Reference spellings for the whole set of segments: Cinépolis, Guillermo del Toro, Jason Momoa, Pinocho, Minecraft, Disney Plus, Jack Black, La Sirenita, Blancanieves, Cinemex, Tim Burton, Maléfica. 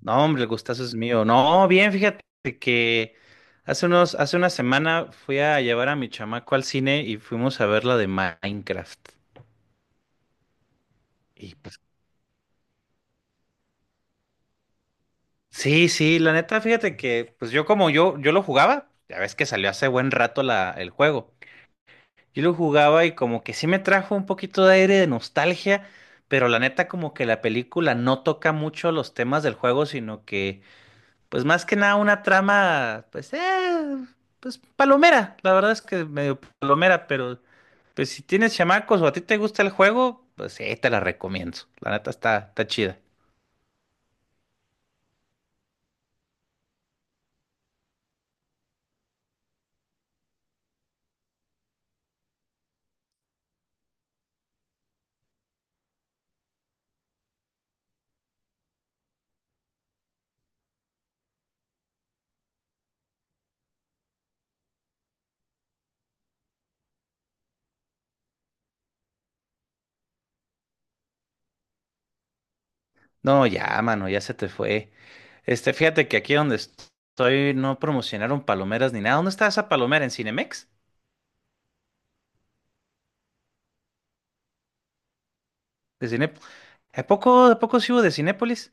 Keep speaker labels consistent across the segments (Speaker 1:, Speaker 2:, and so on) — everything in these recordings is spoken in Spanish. Speaker 1: No, hombre, el gustazo es mío. No, bien, fíjate que hace una semana fui a llevar a mi chamaco al cine y fuimos a ver la de Minecraft. Y pues, sí, sí, la neta, fíjate que, pues yo lo jugaba, ya ves que salió hace buen rato el juego. Yo lo jugaba y como que sí me trajo un poquito de aire de nostalgia, pero la neta como que la película no toca mucho los temas del juego, sino que pues más que nada una trama, pues, pues palomera. La verdad es que medio palomera, pero pues si tienes chamacos o a ti te gusta el juego, pues sí, te la recomiendo. La neta está chida. No, ya, mano, ya se te fue. Este, fíjate que aquí donde estoy no promocionaron palomeras ni nada. ¿Dónde está esa palomera? ¿En Cinemex? ¿De Cine... a poco sí hubo de Cinépolis?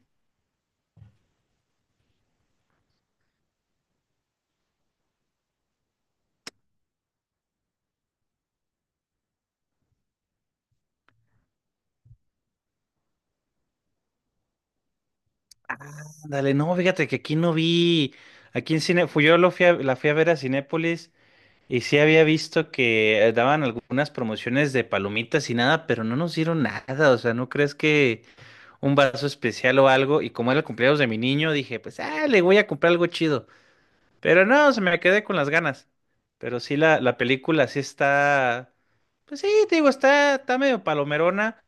Speaker 1: Ah, dale, no, fíjate que aquí no vi. Aquí en Cine, fui yo lo fui a- la fui a ver a Cinépolis. Y sí había visto que daban algunas promociones de palomitas y nada, pero no nos dieron nada. O sea, ¿no crees que un vaso especial o algo? Y como era el cumpleaños de mi niño, dije, pues, ah, le voy a comprar algo chido. Pero no, se me quedé con las ganas. Pero sí, la película sí está, pues sí, te digo, está medio palomerona.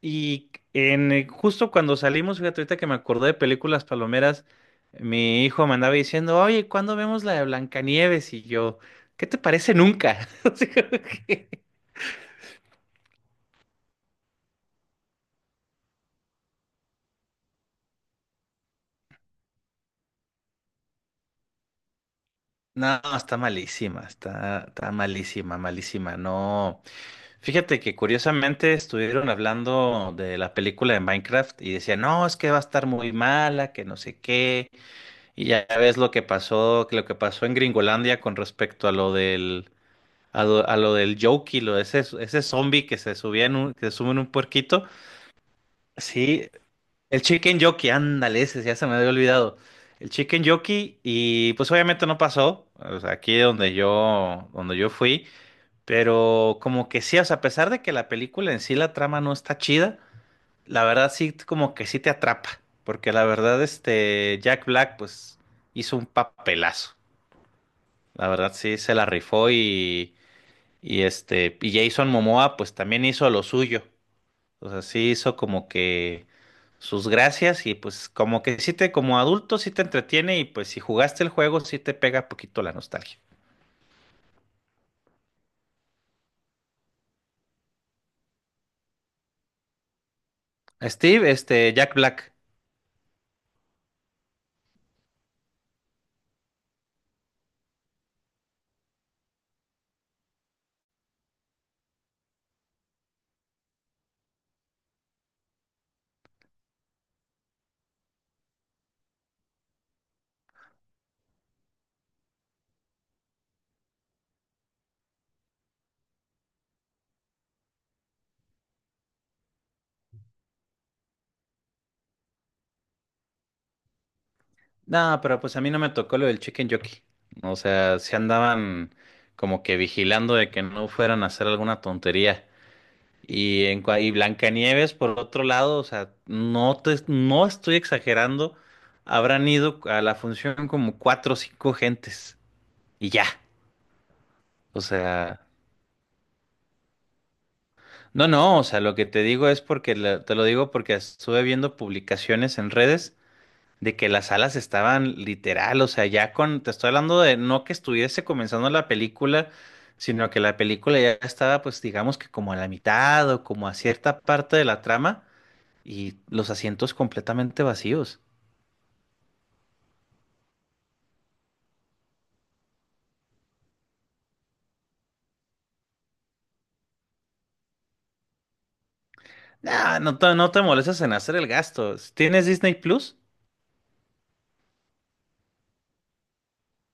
Speaker 1: Y en, justo cuando salimos, fíjate, ahorita que me acordé de películas palomeras, mi hijo me andaba diciendo, oye, ¿cuándo vemos la de Blancanieves? Y yo, ¿qué te parece nunca? Así como que, no, está malísima, está malísima, malísima. No, fíjate que curiosamente estuvieron hablando de la película de Minecraft y decían, no, es que va a estar muy mala, que no sé qué. Y ya ves lo que pasó, que lo que pasó en Gringolandia con respecto a lo del Yoki, lo ese, ese zombie que se sube en un puerquito. Sí, el Chicken Yoki, ándale, ese ya se me había olvidado. El Chicken Yoki, y pues obviamente no pasó. O sea, aquí donde yo fui. Pero como que sí, o sea, a pesar de que la película en sí, la trama no está chida, la verdad sí, como que sí te atrapa. Porque la verdad, este, Jack Black, pues, hizo un papelazo. La verdad sí, se la rifó. Y. Y este, y Jason Momoa pues también hizo lo suyo. O sea, sí hizo como que sus gracias y pues como que sí te, como adulto sí te entretiene y pues si jugaste el juego sí te pega poquito la nostalgia. Steve, este, Jack Black. No, pero pues a mí no me tocó lo del Chicken Jockey. O sea, se andaban como que vigilando de que no fueran a hacer alguna tontería. Y Blancanieves, por otro lado, o sea, no estoy exagerando, habrán ido a la función como cuatro o cinco gentes y ya. O sea, no, no, o sea, lo que te digo es porque te lo digo porque estuve viendo publicaciones en redes de que las salas estaban literal, o sea, ya con, te estoy hablando de no que estuviese comenzando la película, sino que la película ya estaba, pues digamos que como a la mitad o como a cierta parte de la trama y los asientos completamente vacíos. Nah, no te molestas en hacer el gasto. ¿Si tienes Disney Plus?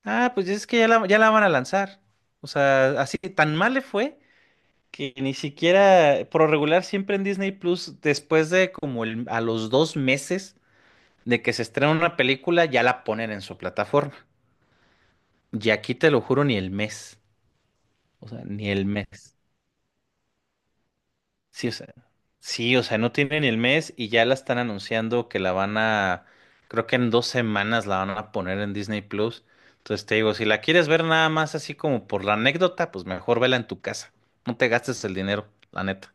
Speaker 1: Ah, pues es que ya la van a lanzar. O sea, así tan mal le fue que ni siquiera, por lo regular, siempre en Disney Plus, después de como a los 2 meses de que se estrena una película, ya la ponen en su plataforma. Y aquí te lo juro, ni el mes. O sea, ni el mes. Sí, o sea, sí, o sea, no tienen el mes y ya la están anunciando que la van a, creo que en 2 semanas la van a poner en Disney Plus. Entonces te digo, si la quieres ver nada más así como por la anécdota, pues mejor vela en tu casa. No te gastes el dinero, la neta.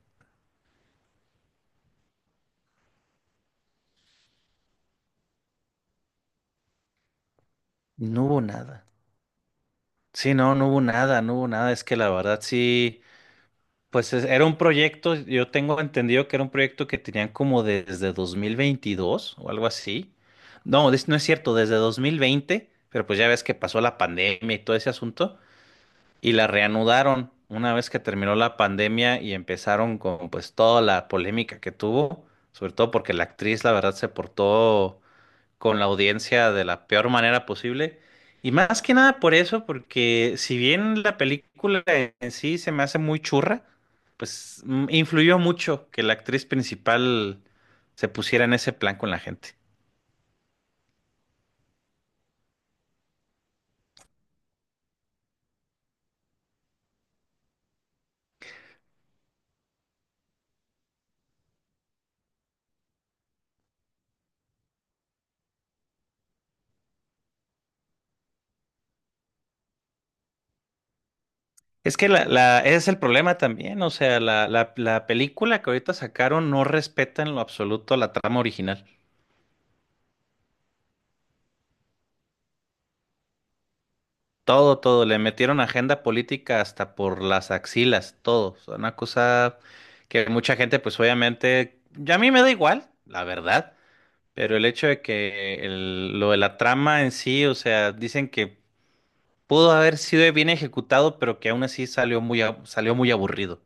Speaker 1: No hubo nada. Sí, no, no hubo nada, no hubo nada. Es que la verdad sí. Pues era un proyecto, yo tengo entendido que era un proyecto que tenían como desde 2022 o algo así. No, no es cierto, desde 2020. Pero pues ya ves que pasó la pandemia y todo ese asunto y la reanudaron una vez que terminó la pandemia y empezaron con pues toda la polémica que tuvo, sobre todo porque la actriz la verdad se portó con la audiencia de la peor manera posible. Y más que nada por eso, porque si bien la película en sí se me hace muy churra, pues influyó mucho que la actriz principal se pusiera en ese plan con la gente. Es que ese es el problema también, o sea, la película que ahorita sacaron no respeta en lo absoluto la trama original. Todo, todo, le metieron agenda política hasta por las axilas, todo. O sea, una cosa que mucha gente, pues obviamente, ya a mí me da igual, la verdad, pero el hecho de que lo de la trama en sí, o sea, dicen que pudo haber sido bien ejecutado, pero que aún así salió salió muy aburrido.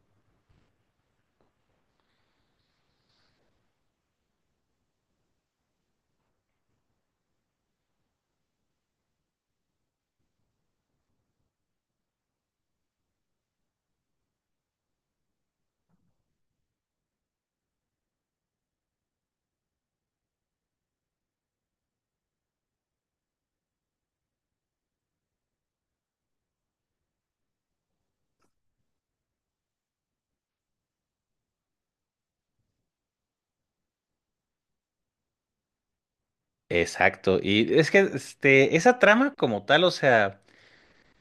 Speaker 1: Exacto, y es que este, esa trama como tal, o sea...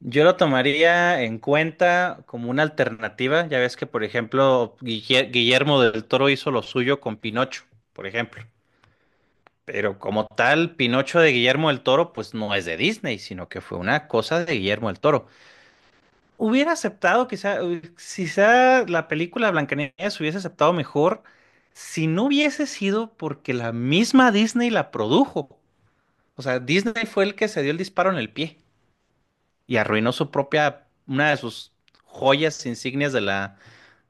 Speaker 1: Yo lo tomaría en cuenta como una alternativa. Ya ves que, por ejemplo, Guillermo del Toro hizo lo suyo con Pinocho, por ejemplo. Pero como tal, Pinocho de Guillermo del Toro, pues no es de Disney, sino que fue una cosa de Guillermo del Toro. Hubiera aceptado, quizá, quizá la película Blancanieves hubiese aceptado mejor si no hubiese sido porque la misma Disney la produjo. O sea, Disney fue el que se dio el disparo en el pie y arruinó su propia, una de sus joyas insignias de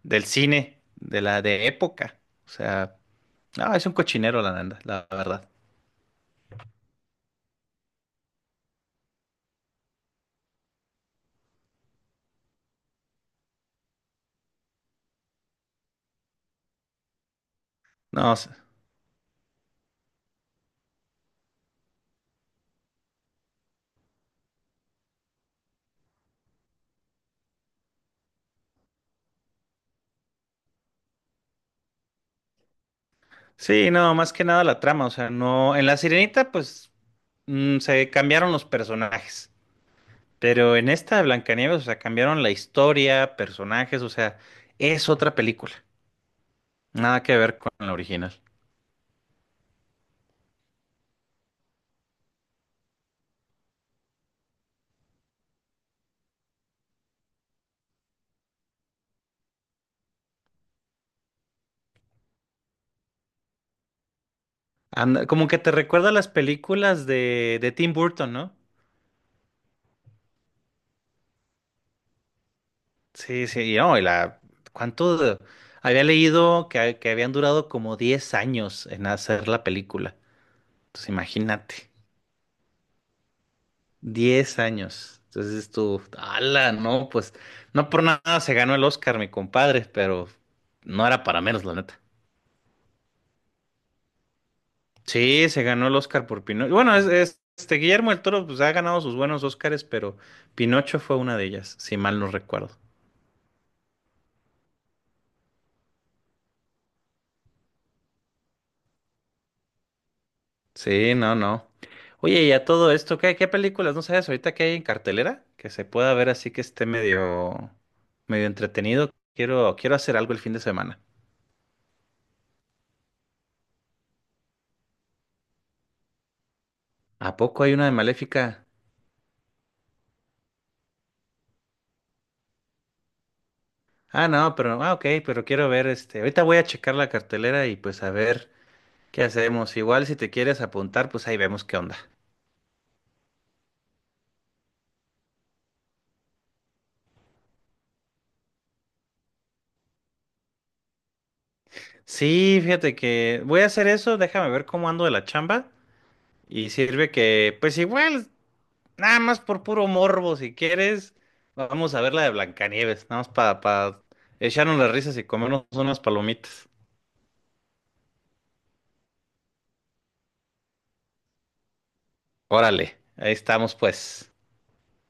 Speaker 1: del cine, de la de época. O sea, no, es un cochinero la verdad. No, s- sí, no, más que nada la trama. O sea, no, en La Sirenita, pues se cambiaron los personajes. Pero en esta de Blancanieves, o sea, cambiaron la historia, personajes, o sea, es otra película. Nada que ver con la original. Como que te recuerda a las películas de Tim Burton, ¿no? Sí, sí, y no, ¿cuánto? de- había leído que habían durado como 10 años en hacer la película. Entonces, imagínate, 10 años. Entonces tú, ala, no, pues, no por nada se ganó el Oscar, mi compadre, pero no era para menos, la neta. Sí, se ganó el Oscar por Pinocho. Bueno, este Guillermo del Toro, pues ha ganado sus buenos Oscars, pero Pinocho fue una de ellas, si mal no recuerdo. Sí, no, no. Oye, y a todo esto, ¿qué películas? ¿No sabes ahorita qué hay en cartelera? Que se pueda ver así que esté medio entretenido. Quiero hacer algo el fin de semana. ¿A poco hay una de Maléfica? Ah, no, pero, ah, ok, pero quiero ver este. Ahorita voy a checar la cartelera y pues a ver qué hacemos. Igual si te quieres apuntar, pues ahí vemos qué onda. Sí, fíjate que voy a hacer eso, déjame ver cómo ando de la chamba. Y sirve que, pues igual. Nada más por puro morbo, si quieres, vamos a ver la de Blancanieves, nada más para echarnos las risas y comernos unas palomitas. Órale, ahí estamos pues.